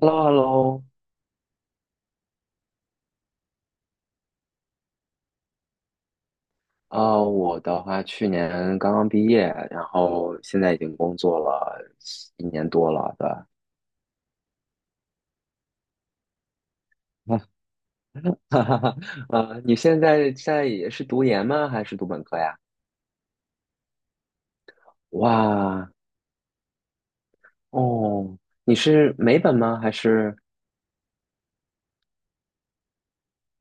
Hello,Hello,我的话去年刚刚毕业，然后现在已经工作了一年多了，对吧？哈哈哈。你现在也是读研吗？还是读本科呀？哇，哦，你是美本吗？还是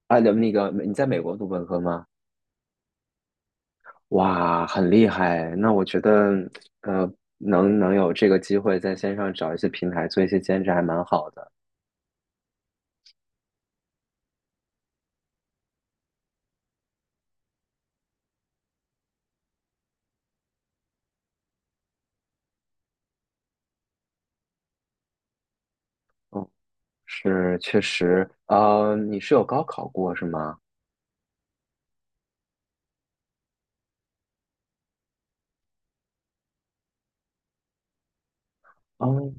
那个你在美国读本科吗？哇，很厉害。那我觉得，呃，能有这个机会在线上找一些平台做一些兼职，还蛮好的。嗯。是，确实，你是有高考过是吗？哦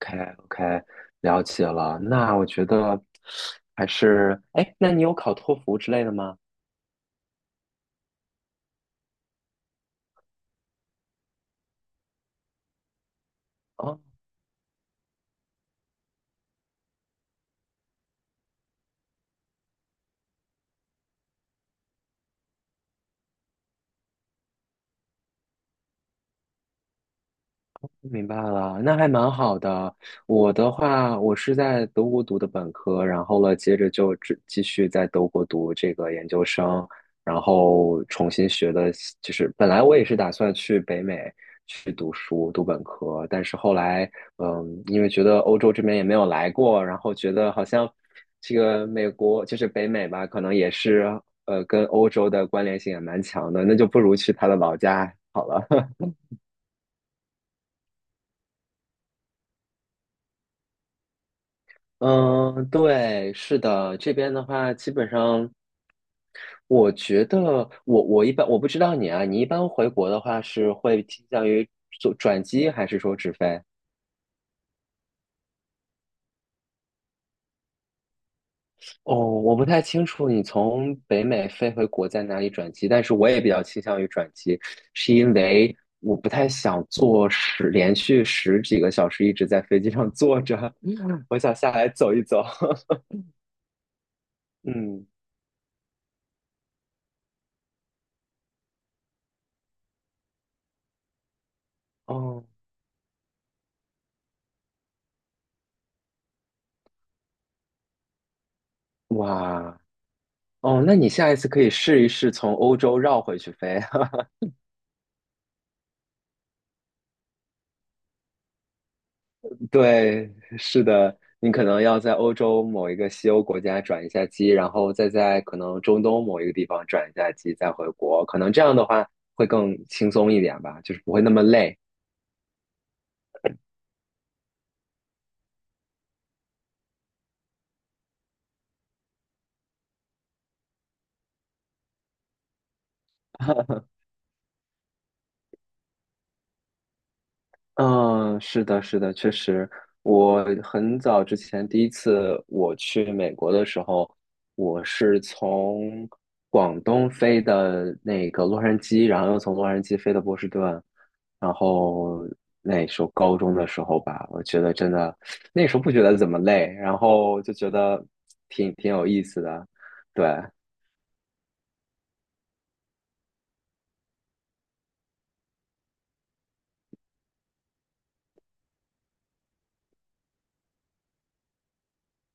，OK，OK，了解了。那我觉得还是，哎，那你有考托福之类的吗？哦，明白了，那还蛮好的。我的话，我是在德国读的本科，然后了，接着就继续在德国读这个研究生，然后重新学的，就是本来我也是打算去北美去读书读本科，但是后来，嗯，因为觉得欧洲这边也没有来过，然后觉得好像这个美国就是北美吧，可能也是跟欧洲的关联性也蛮强的，那就不如去他的老家好了。嗯，对，是的，这边的话，基本上，我觉得我一般，我不知道你啊，你一般回国的话是会倾向于做转机还是说直飞？哦，我不太清楚你从北美飞回国在哪里转机，但是我也比较倾向于转机，是因为我不太想坐连续十几个小时一直在飞机上坐着。我想下来走一走。嗯，哦，哇。哦，那你下一次可以试一试从欧洲绕回去飞。对，是的，你可能要在欧洲某一个西欧国家转一下机，然后再在可能中东某一个地方转一下机，再回国。可能这样的话会更轻松一点吧，就是不会那么累。嗯，是的，是的，确实，我很早之前第一次我去美国的时候，我是从广东飞的那个洛杉矶，然后又从洛杉矶飞的波士顿，然后那时候高中的时候吧，我觉得真的那时候不觉得怎么累，然后就觉得挺有意思的。对，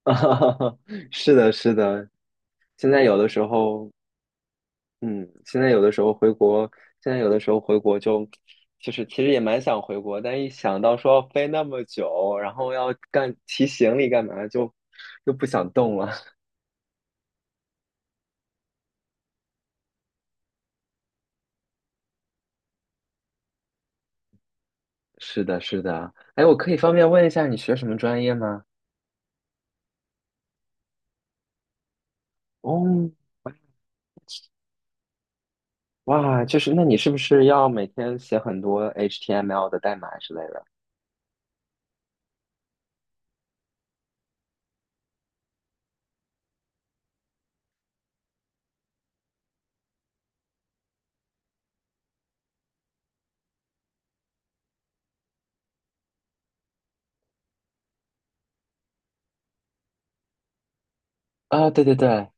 是的，是的，现在有的时候。嗯，现在有的时候回国，现在有的时候回国就，就是其实也蛮想回国，但一想到说要飞那么久，然后要干提行李干嘛，就又不想动了。是的，是的。哎，我可以方便问一下你学什么专业吗？哦，哇，就是那你是不是要每天写很多 HTML 的代码之类的？啊，对对对。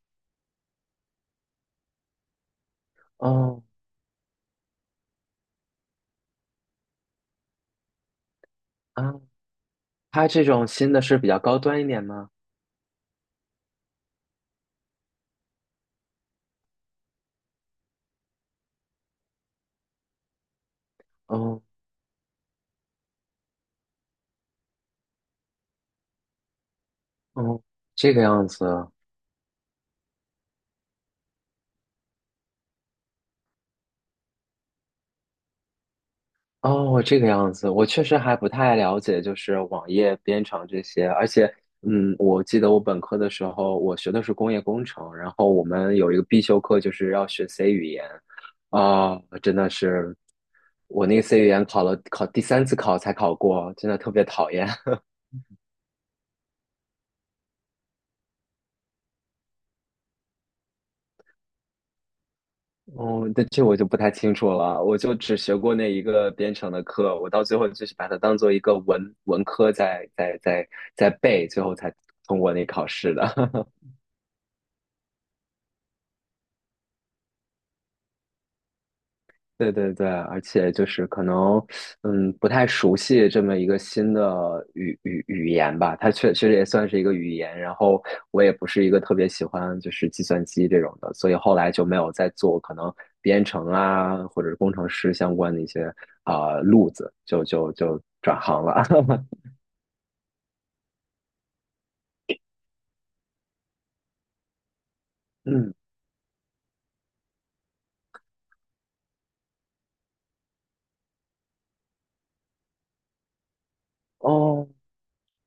哦啊，它这种新的是比较高端一点吗？哦，哦，这个样子。哦，这个样子，我确实还不太了解，就是网页编程这些。而且，嗯，我记得我本科的时候，我学的是工业工程，然后我们有一个必修课就是要学 C 语言。啊、真的是，我那个 C 语言考了第三次考才考过，真的特别讨厌。哦，那这我就不太清楚了，我就只学过那一个编程的课，我到最后就是把它当做一个文科在背，最后才通过那考试的。对对对，而且就是可能，嗯，不太熟悉这么一个新的语言吧，它确实也算是一个语言。然后我也不是一个特别喜欢就是计算机这种的，所以后来就没有再做可能编程啊或者是工程师相关的一些啊、路子，就转行了。嗯，哦。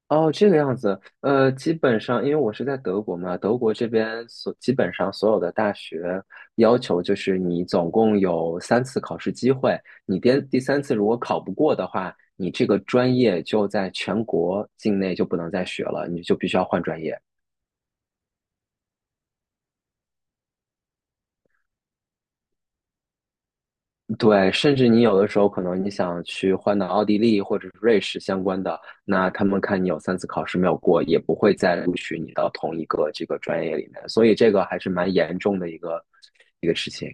哦，这个样子，基本上因为我是在德国嘛，德国这边基本上所有的大学要求就是你总共有三次考试机会，你第三次如果考不过的话，你这个专业就在全国境内就不能再学了，你就必须要换专业。对，甚至你有的时候可能你想去换到奥地利或者是瑞士相关的，那他们看你有三次考试没有过，也不会再录取你到同一个这个专业里面，所以这个还是蛮严重的一个事情。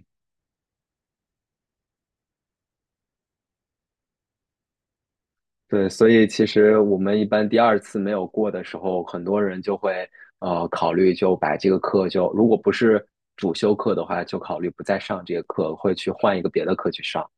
对，所以其实我们一般第二次没有过的时候，很多人就会考虑就把这个课，就如果不是主修课的话，就考虑不再上这个课，会去换一个别的课去上。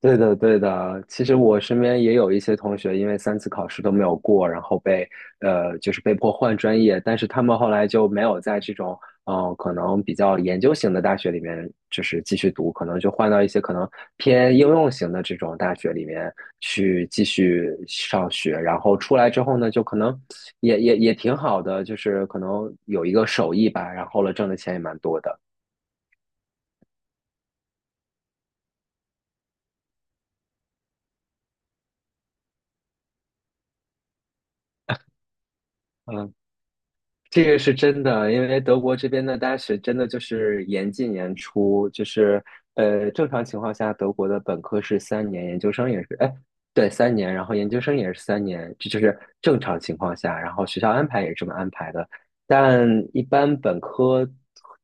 对的，对的。其实我身边也有一些同学，因为三次考试都没有过，然后被就是被迫换专业，但是他们后来就没有在这种可能比较研究型的大学里面就是继续读，可能就换到一些可能偏应用型的这种大学里面去继续上学，然后出来之后呢，就可能也挺好的，就是可能有一个手艺吧，然后了挣的钱也蛮多的。嗯。这个是真的，因为德国这边的大学真的就是严进严出，就是正常情况下，德国的本科是三年，研究生也是，哎，对，三年，然后研究生也是三年，这就是正常情况下，然后学校安排也是这么安排的，但一般本科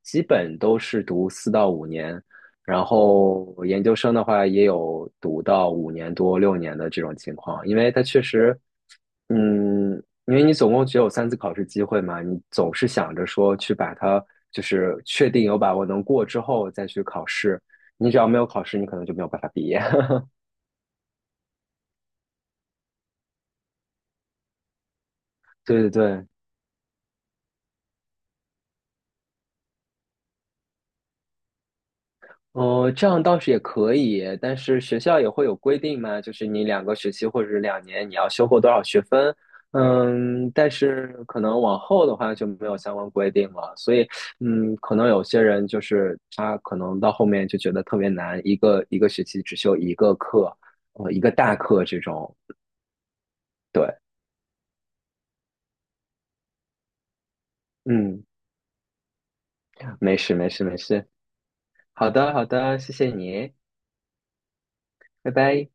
基本都是读四到五年，然后研究生的话也有读到五年多六年的这种情况，因为它确实，嗯，因为你总共只有三次考试机会嘛，你总是想着说去把它就是确定有把握能过之后再去考试，你只要没有考试，你可能就没有办法毕业。对对对，哦，这样倒是也可以，但是学校也会有规定嘛，就是你两个学期或者是两年你要修够多少学分，嗯，但是可能往后的话就没有相关规定了，所以嗯，可能有些人就是他可能到后面就觉得特别难，一个一个学期只修一个课，一个大课这种，对，嗯，没事没事没事，好的好的，谢谢你，拜拜。